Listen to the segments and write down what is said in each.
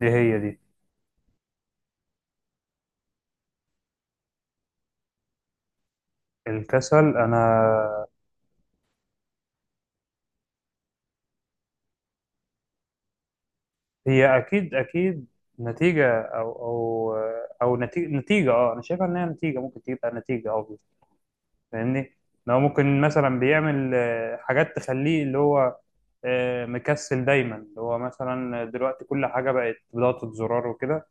دي هي دي، الكسل. انا هي اكيد اكيد نتيجة، او نتيجة اه، انا شايفها ان هي نتيجة. ممكن تبقى نتيجة، او فاهمني؟ لو ممكن مثلا بيعمل حاجات تخليه اللي هو مكسل دايما، اللي هو مثلا دلوقتي كل حاجة بقت بضغطة زرار وكده،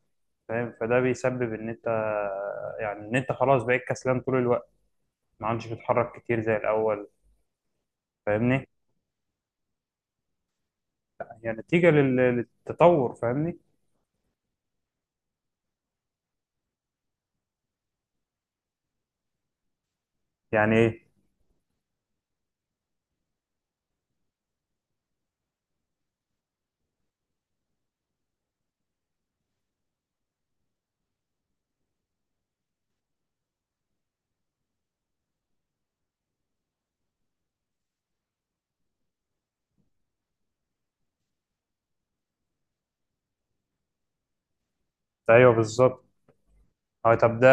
فاهم؟ فده بيسبب ان انت، يعني ان انت خلاص بقيت كسلان طول الوقت، ما عادش بتتحرك كتير زي الاول، فاهمني؟ هي نتيجة للتطور، فاهمني؟ يعني ايه؟ ايوه بالظبط. اه طب ده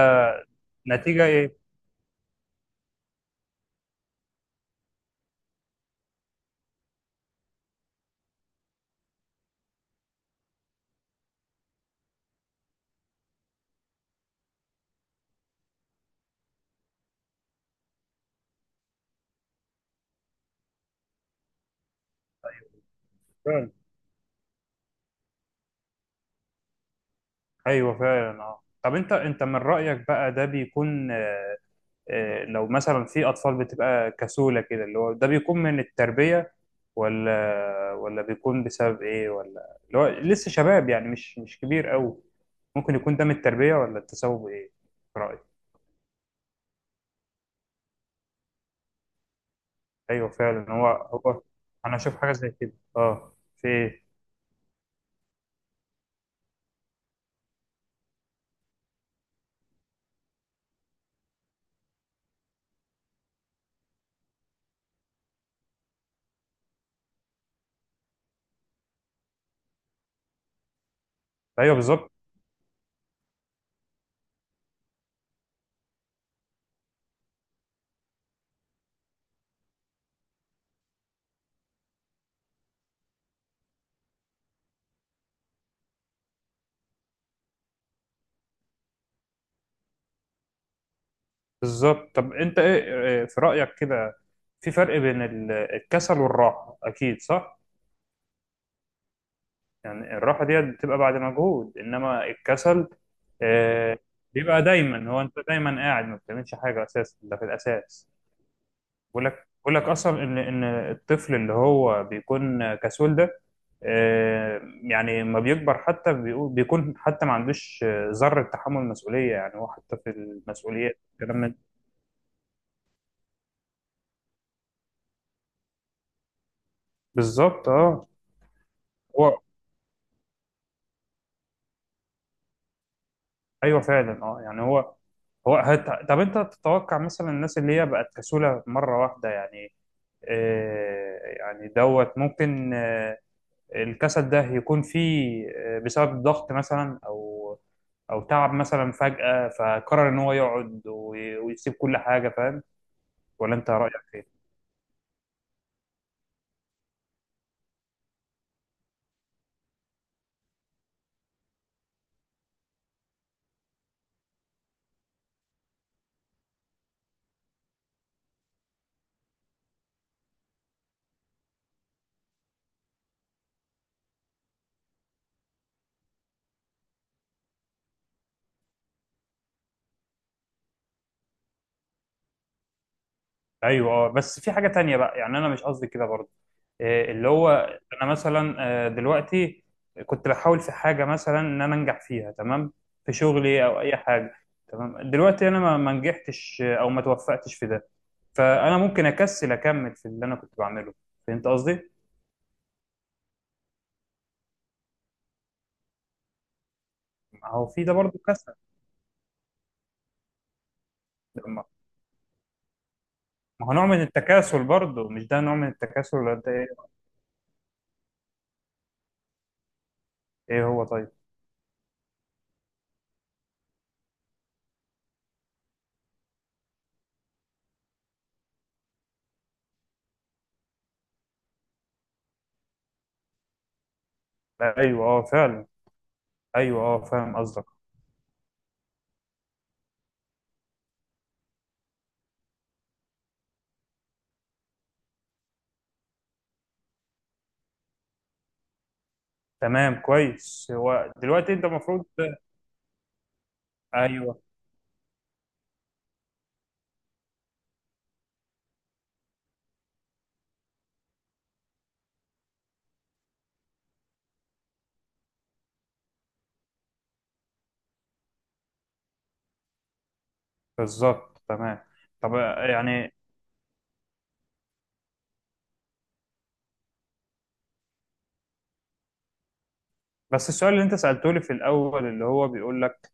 نتيجة ايه؟ فعلا. ايوه فعلا. اه طب انت انت من رأيك بقى ده بيكون لو مثلا في اطفال بتبقى كسولة كده، اللي هو ده بيكون من التربية، ولا بيكون بسبب ايه، ولا اللي هو لسه شباب يعني مش كبير قوي؟ ممكن يكون ده من التربية ولا التسبب ايه في رأيك؟ ايوه فعلا. هو انا اشوف حاجة زي كده. اه في ايه؟ ايوه بالظبط. بالظبط، طب انت ايه، إيه في رأيك كده؟ في فرق بين الكسل والراحة، اكيد صح؟ يعني الراحة دي بتبقى بعد مجهود، انما الكسل آه، بيبقى دايما. هو انت دايما قاعد ما بتعملش حاجة اساسا، ده في الاساس. بقول لك، بقول لك اصلا ان الطفل اللي هو بيكون كسول ده يعني لما بيكبر حتى بيكون حتى ما عندوش ذرة تحمل مسؤولية، يعني هو حتى في المسؤوليات الكلام من بالظبط. اه هو ايوه فعلا. اه يعني هو طب انت تتوقع مثلا الناس اللي هي بقت كسولة مرة واحدة، يعني يعني دوت، ممكن الكسل ده يكون فيه بسبب ضغط مثلا، او او تعب مثلا فجأة، فقرر ان هو يقعد ويسيب كل حاجة، فاهم؟ ولا انت رأيك ايه؟ ايوه اه. بس في حاجه تانية بقى، يعني انا مش قصدي كده برضه. إيه اللي هو، انا مثلا دلوقتي كنت بحاول في حاجه مثلا ان انا انجح فيها، تمام، في شغلي او اي حاجه، تمام. دلوقتي انا ما نجحتش او ما توفقتش في ده. فانا ممكن اكسل اكمل في اللي انا كنت بعمله، فهمت قصدي؟ ما هو في ده برضه كسل. ما ما هو نوع من التكاسل برضه، مش ده نوع من التكاسل ولا ده ايه؟ إيه هو طيب. ايوه اه فعلا. ايوه اه فاهم قصدك. تمام كويس. هو دلوقتي انت المفروض ايوه بالظبط تمام. طب يعني بس السؤال اللي انت سألته لي في الاول اللي هو بيقول لك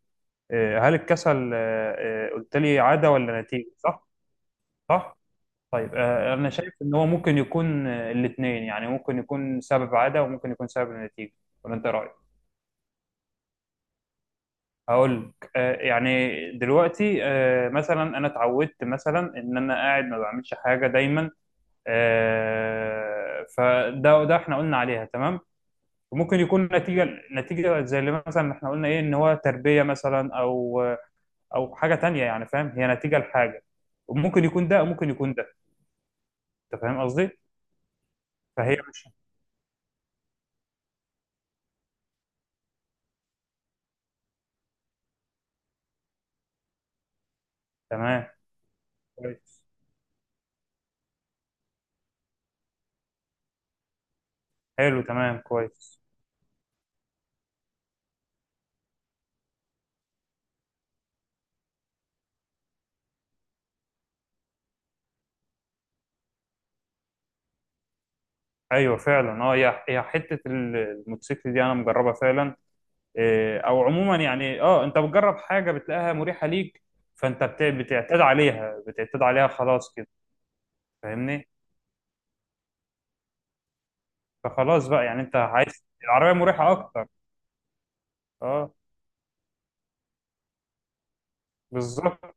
هل الكسل قلت لي عادة ولا نتيجة، صح؟ صح. طيب انا شايف ان هو ممكن يكون الاثنين، يعني ممكن يكون سبب عادة وممكن يكون سبب نتيجة. ولا انت إيه رأيك؟ هقول لك يعني دلوقتي مثلا انا اتعودت مثلا ان انا قاعد ما بعملش حاجة دايما فده احنا قلنا عليها تمام. وممكن يكون نتيجة زي اللي مثلا احنا قلنا ايه، ان هو تربية مثلا، او او حاجة تانية. يعني فاهم، هي نتيجة لحاجة. وممكن يكون ده وممكن يكون ده. انت فاهم قصدي؟ فهي مش تمام كويس. حلو تمام كويس. ايوه فعلا اه. هي حتة الموتوسيكل دي انا مجربها فعلا. إيه، او عموما يعني اه انت بتجرب حاجة بتلاقيها مريحة ليك، فانت بتعتاد عليها، بتعتاد عليها خلاص كده، فاهمني؟ فخلاص بقى، يعني انت عايز العربية مريحة اكتر. اه بالظبط.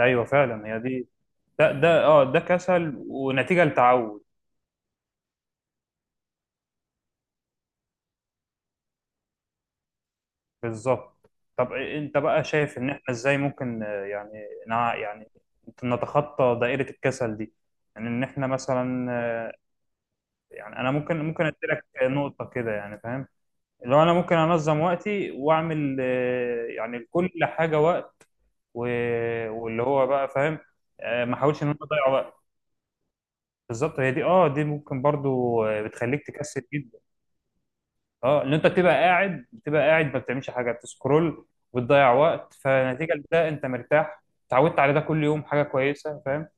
ايوه فعلا هي دي. ده كسل ونتيجه لتعود. بالظبط. طب انت بقى شايف ان احنا ازاي ممكن يعني يعني نتخطى دائره الكسل دي؟ يعني ان احنا مثلا يعني انا ممكن ادي لك نقطه كده، يعني فاهم، لو انا ممكن انظم وقتي واعمل يعني لكل حاجه وقت. و- واللي هو بقى فاهم ما احاولش ان انا اضيع وقت. بالظبط هي دي. اه دي ممكن برضو بتخليك تكسل جدا. اه ان انت بتبقى قاعد، بتبقى قاعد ما بتعملش حاجه، بتسكرول وبتضيع وقت. فنتيجه لده انت مرتاح، اتعودت على ده كل يوم. حاجه كويسه فاهم.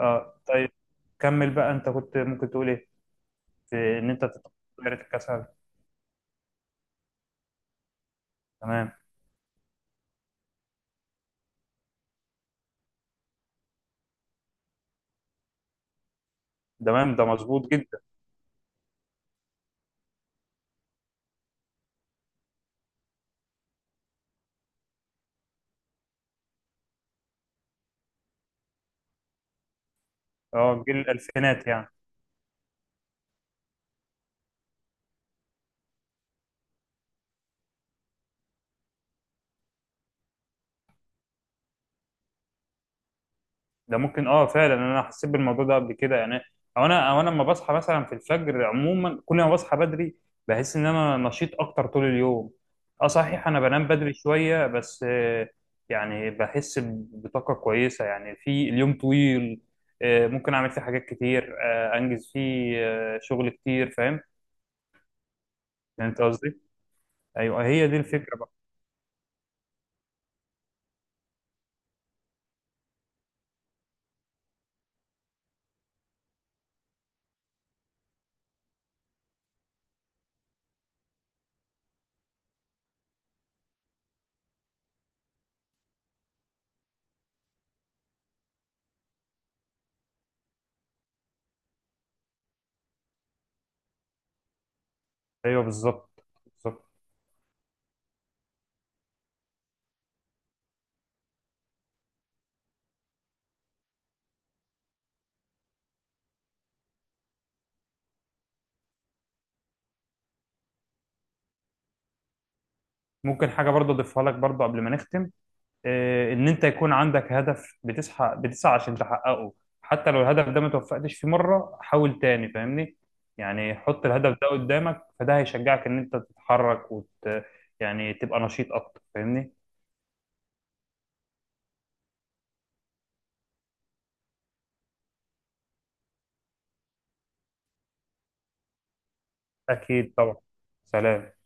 اه طيب، كمل بقى. انت كنت ممكن تقول ايه في ان انت تطور دايره الكسل؟ تمام. تمام ده مظبوط جدا. اه جيل الالفينات يعني. ده ممكن. اه فعلا انا حسيت بالموضوع ده قبل كده، يعني او انا لما بصحى مثلا في الفجر عموما كل ما بصحى بدري بحس ان انا نشيط اكتر طول اليوم. اه صحيح انا بنام بدري شويه بس يعني بحس بطاقه كويسه، يعني في اليوم طويل ممكن اعمل فيه حاجات كتير، انجز فيه شغل كتير، فاهم؟ يعني انت قصدي، ايوه هي دي الفكره بقى. ايوه بالظبط بالظبط. ممكن حاجه برضه اضيفها لك برضه قبل ما نختم، ان انت يكون عندك هدف، بتسعى، بتسعى عشان تحققه. حتى لو الهدف ده ما توفقتش فيه مره، حاول تاني، فاهمني؟ يعني حط الهدف ده قدامك فده هيشجعك ان انت تتحرك وت، يعني تبقى نشيط اكتر، فاهمني. اكيد طبعا. سلام.